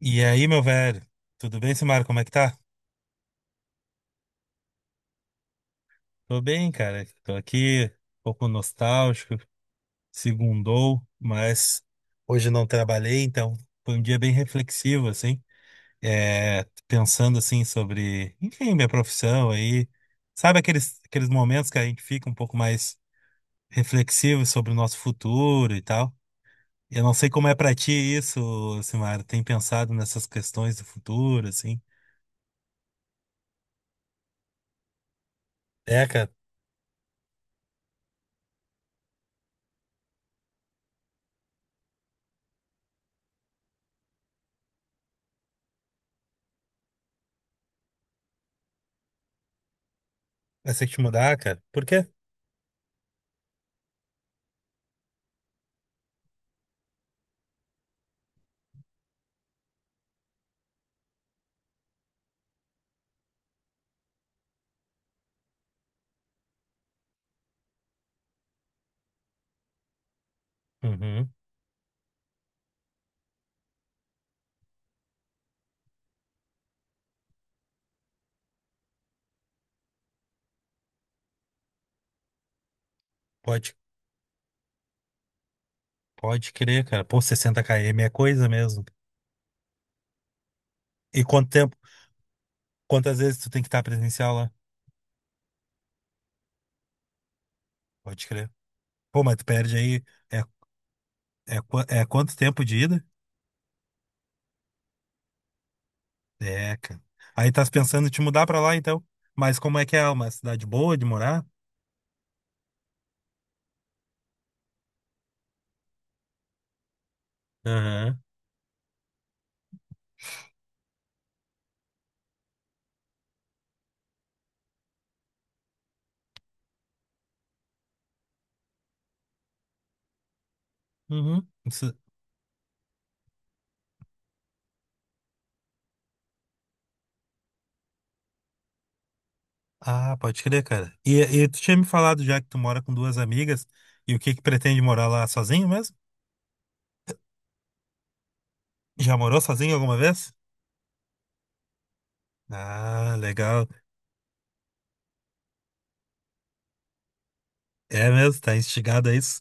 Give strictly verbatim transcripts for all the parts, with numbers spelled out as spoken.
E aí, meu velho? Tudo bem, Simar? Como é que tá? Tô bem, cara. Tô aqui, um pouco nostálgico, segundou, mas hoje não trabalhei, então foi um dia bem reflexivo, assim. É, pensando, assim, sobre, enfim, minha profissão aí. Sabe aqueles, aqueles momentos que a gente fica um pouco mais reflexivo sobre o nosso futuro e tal? Eu não sei como é pra ti isso, Simar. Tem pensado nessas questões do futuro, assim? É, cara. Vai ser que te mudar, cara. Por quê? Uhum. Pode, pode crer, cara. Pô, sessenta quilômetros é coisa mesmo. E quanto tempo, quantas vezes tu tem que estar presencial lá? Pode crer. Pô, mas tu perde aí. É, é, qua- é quanto tempo de ida? É, cara. Aí tá pensando em te mudar pra lá, então. Mas como é que é? Uma cidade boa de morar? Aham. Uhum. Isso- Ah, pode crer, cara. E, e tu tinha me falado já que tu mora com duas amigas. E o que que pretende morar lá sozinho mesmo? Já morou sozinho alguma vez? Ah, legal. É mesmo, tá instigado a isso.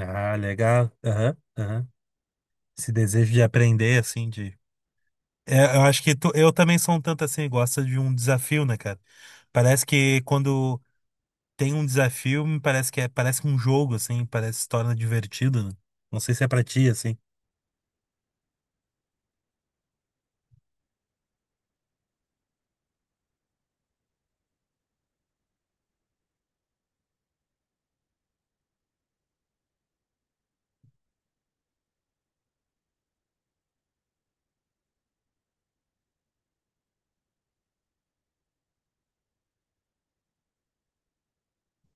Ah, legal. Aham, aham. Esse desejo de aprender, assim, de. É, eu acho que tu- eu também sou um tanto assim, gosta de um desafio, né, cara? Parece que quando tem um desafio, me parece que é, parece um jogo, assim, parece se torna divertido, né? Não sei se é pra ti, assim.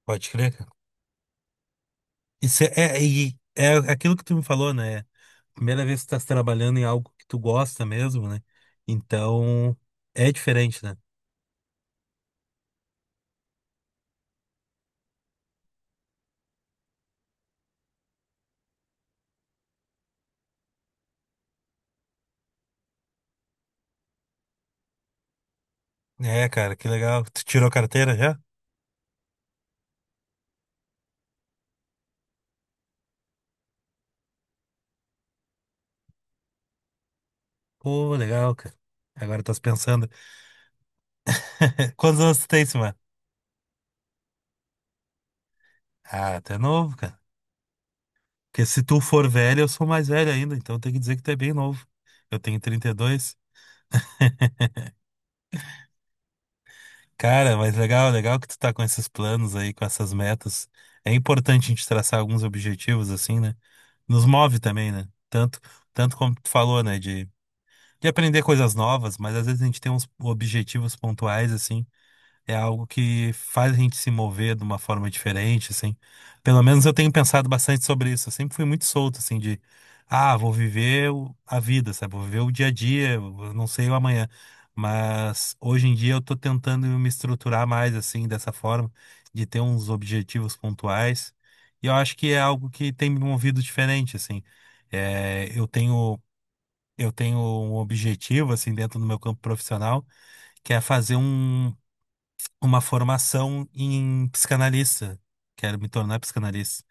Pode crer, cara. Isso é, é, e é aquilo que tu me falou, né? Primeira vez que tu tá trabalhando em algo que tu gosta mesmo, né? Então, é diferente, né? É, cara, que legal. Tu tirou carteira já? Pô, legal, cara. Agora estás pensando. Quantos anos tu tem, mano? Ah, tu é novo, cara. Porque se tu for velho, eu sou mais velho ainda, então tem que dizer que tu é bem novo. Eu tenho trinta e dois. Cara, mas legal, legal que tu tá com esses planos aí, com essas metas. É importante a gente traçar alguns objetivos assim, né? Nos move também, né? Tanto, tanto como tu falou, né? De, de aprender coisas novas, mas às vezes a gente tem uns objetivos pontuais, assim. É algo que faz a gente se mover de uma forma diferente, assim. Pelo menos eu tenho pensado bastante sobre isso. Eu sempre fui muito solto, assim, de, ah, vou viver o- a vida, sabe? Vou viver o dia a dia, eu não sei o amanhã. Mas hoje em dia eu tô tentando me estruturar mais, assim, dessa forma, de ter uns objetivos pontuais. E eu acho que é algo que tem me movido diferente, assim. É, eu tenho, eu tenho um objetivo, assim, dentro do meu campo profissional, que é fazer um uma formação em psicanalista. Quero me tornar psicanalista.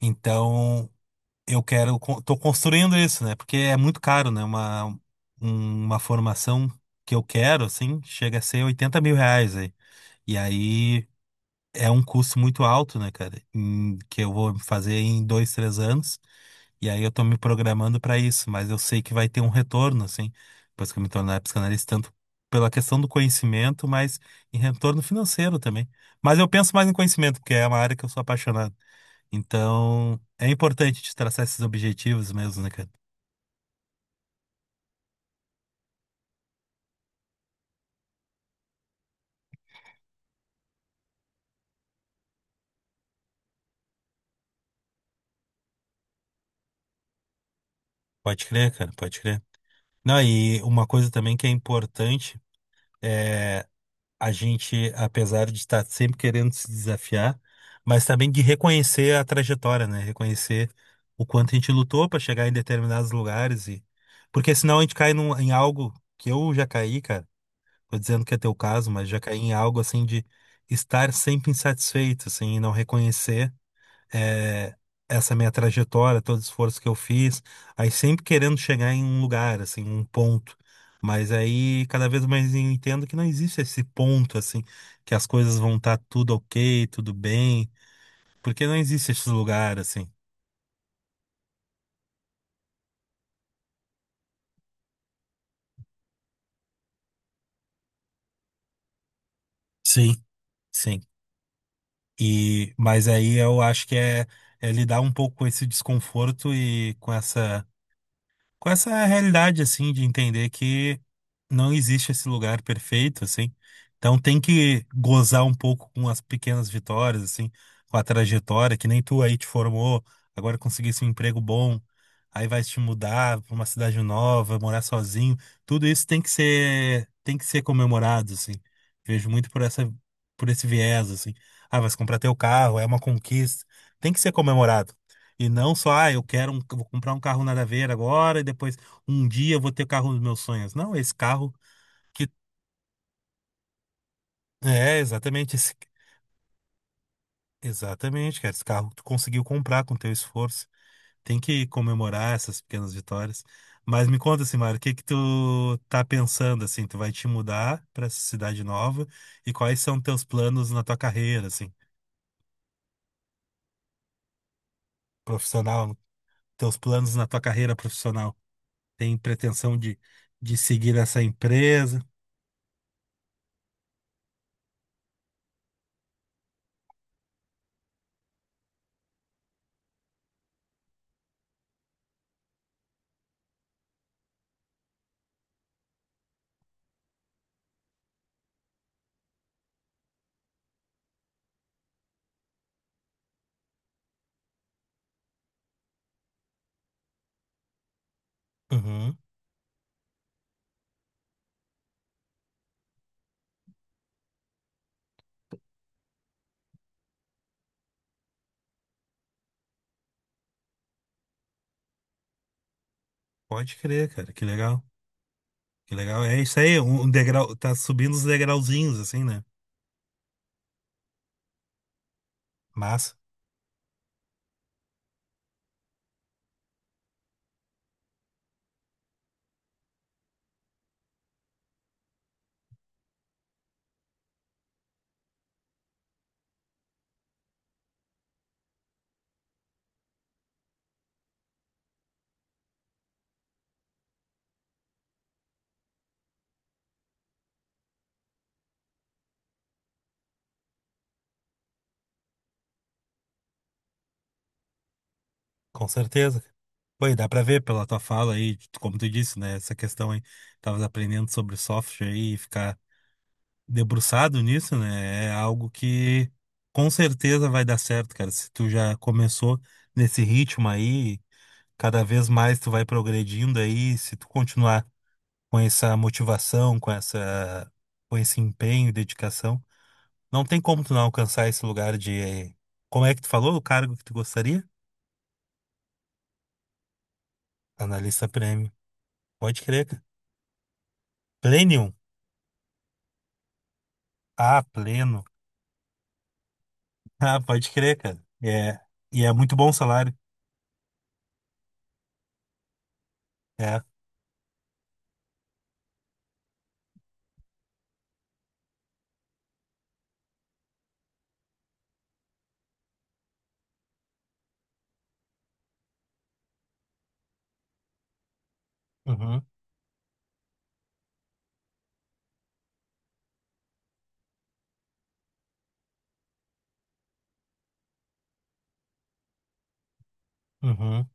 Então, eu quero, con- tô construindo isso, né? Porque é muito caro, né? Uma, um- uma formação que eu quero, assim, chega a ser oitenta mil reais aí. E aí é um custo muito alto, né, cara? Em- que eu vou fazer em dois, três anos. E aí eu tô me programando pra isso, mas eu sei que vai ter um retorno, assim, depois que eu me tornar psicanalista, tanto pela questão do conhecimento, mas em retorno financeiro também. Mas eu penso mais em conhecimento, porque é uma área que eu sou apaixonado. Então, é importante te traçar esses objetivos mesmo, né, cara? Pode crer, cara, pode crer. Não, e uma coisa também que é importante. eh, a gente, apesar de estar sempre querendo se desafiar, mas também de reconhecer a trajetória, né? Reconhecer o quanto a gente lutou para chegar em determinados lugares e porque senão a gente cai num, em algo que eu já caí, cara. Tô dizendo que é teu caso, mas já caí em algo assim de estar sempre insatisfeito, assim, e não reconhecer eh, essa minha trajetória, todo o esforço que eu fiz, aí sempre querendo chegar em um lugar, assim, um ponto. Mas aí cada vez mais eu entendo que não existe esse ponto, assim, que as coisas vão estar tudo ok, tudo bem, porque não existe esse lugar, assim. Sim. Sim. E, mas aí eu acho que é, é lidar um pouco com esse desconforto e com essa. com essa realidade, assim, de entender que não existe esse lugar perfeito, assim. Então tem que gozar um pouco com as pequenas vitórias, assim, com a trajetória que nem tu aí te formou, agora conseguisse um emprego bom, aí vai te mudar para uma cidade nova, morar sozinho. Tudo isso tem que ser tem que ser comemorado, assim. Vejo muito por essa por esse viés, assim. Ah, vai se comprar teu carro, é uma conquista. Tem que ser comemorado. E não só, ah, eu quero um, vou comprar um carro nada a ver agora e depois um dia eu vou ter o carro dos meus sonhos. Não, esse carro que é exatamente esse, exatamente, cara, esse carro que tu conseguiu comprar com teu esforço. Tem que comemorar essas pequenas vitórias. Mas me conta assim, Mário, o que que tu tá pensando assim? Tu vai te mudar para essa cidade nova e quais são teus planos na tua carreira, assim, profissional, teus planos na tua carreira profissional? Tem pretensão de de seguir essa empresa? Uhum. Pode crer, cara. Que legal. Que legal. É isso aí, um um degrau, tá subindo os degrauzinhos, assim, né? Massa, com certeza. Pô, e dá pra ver pela tua fala aí, tu- como tu disse, né? Essa questão aí, tava aprendendo sobre software aí e ficar debruçado nisso, né? É algo que com certeza vai dar certo, cara. Se tu já começou nesse ritmo aí, cada vez mais tu vai progredindo aí, se tu continuar com essa motivação, com essa, com esse empenho e dedicação. Não tem como tu não alcançar esse lugar de. eh, Como é que tu falou o cargo que tu gostaria? Analista prêmio. Pode crer, cara. Plenium. Ah, pleno. Ah, pode crer, cara. É. E é muito bom o salário. É. Uhum, uhum.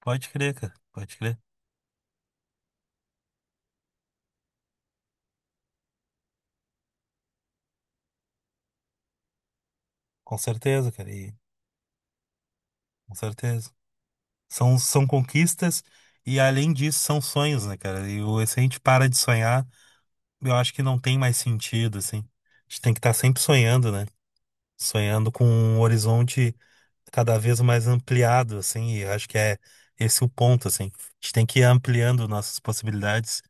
Pode crer, cara. Pode crer. Com certeza, cara. E, com certeza. São, são conquistas e, além disso, são sonhos, né, cara? E o- se a gente para de sonhar, eu acho que não tem mais sentido, assim. A gente tem que estar sempre sonhando, né? Sonhando com um horizonte cada vez mais ampliado, assim, e eu acho que é esse o ponto, assim. A gente tem que ir ampliando nossas possibilidades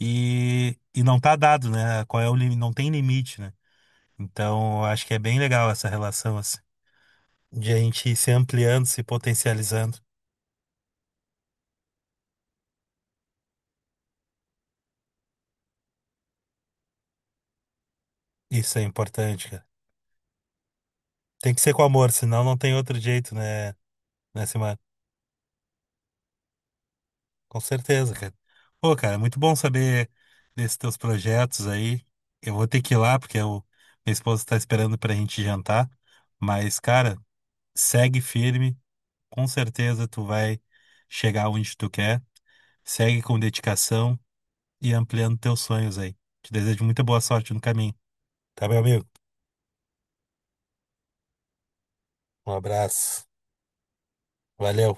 e, e não tá dado, né? Qual é o limite? Não tem limite, né? Então, eu acho que é bem legal essa relação, assim, de a gente ir se ampliando, se potencializando. Isso é importante, cara. Tem que ser com amor, senão não tem outro jeito, né, né, Simar? Com certeza, cara. Pô, cara, é muito bom saber desses teus projetos aí. Eu vou ter que ir lá, porque eu, minha esposa está esperando pra gente jantar. Mas, cara, segue firme. Com certeza tu vai chegar onde tu quer. Segue com dedicação e ampliando teus sonhos aí. Te desejo muita boa sorte no caminho. Tá, meu amigo? Um abraço. Valeu.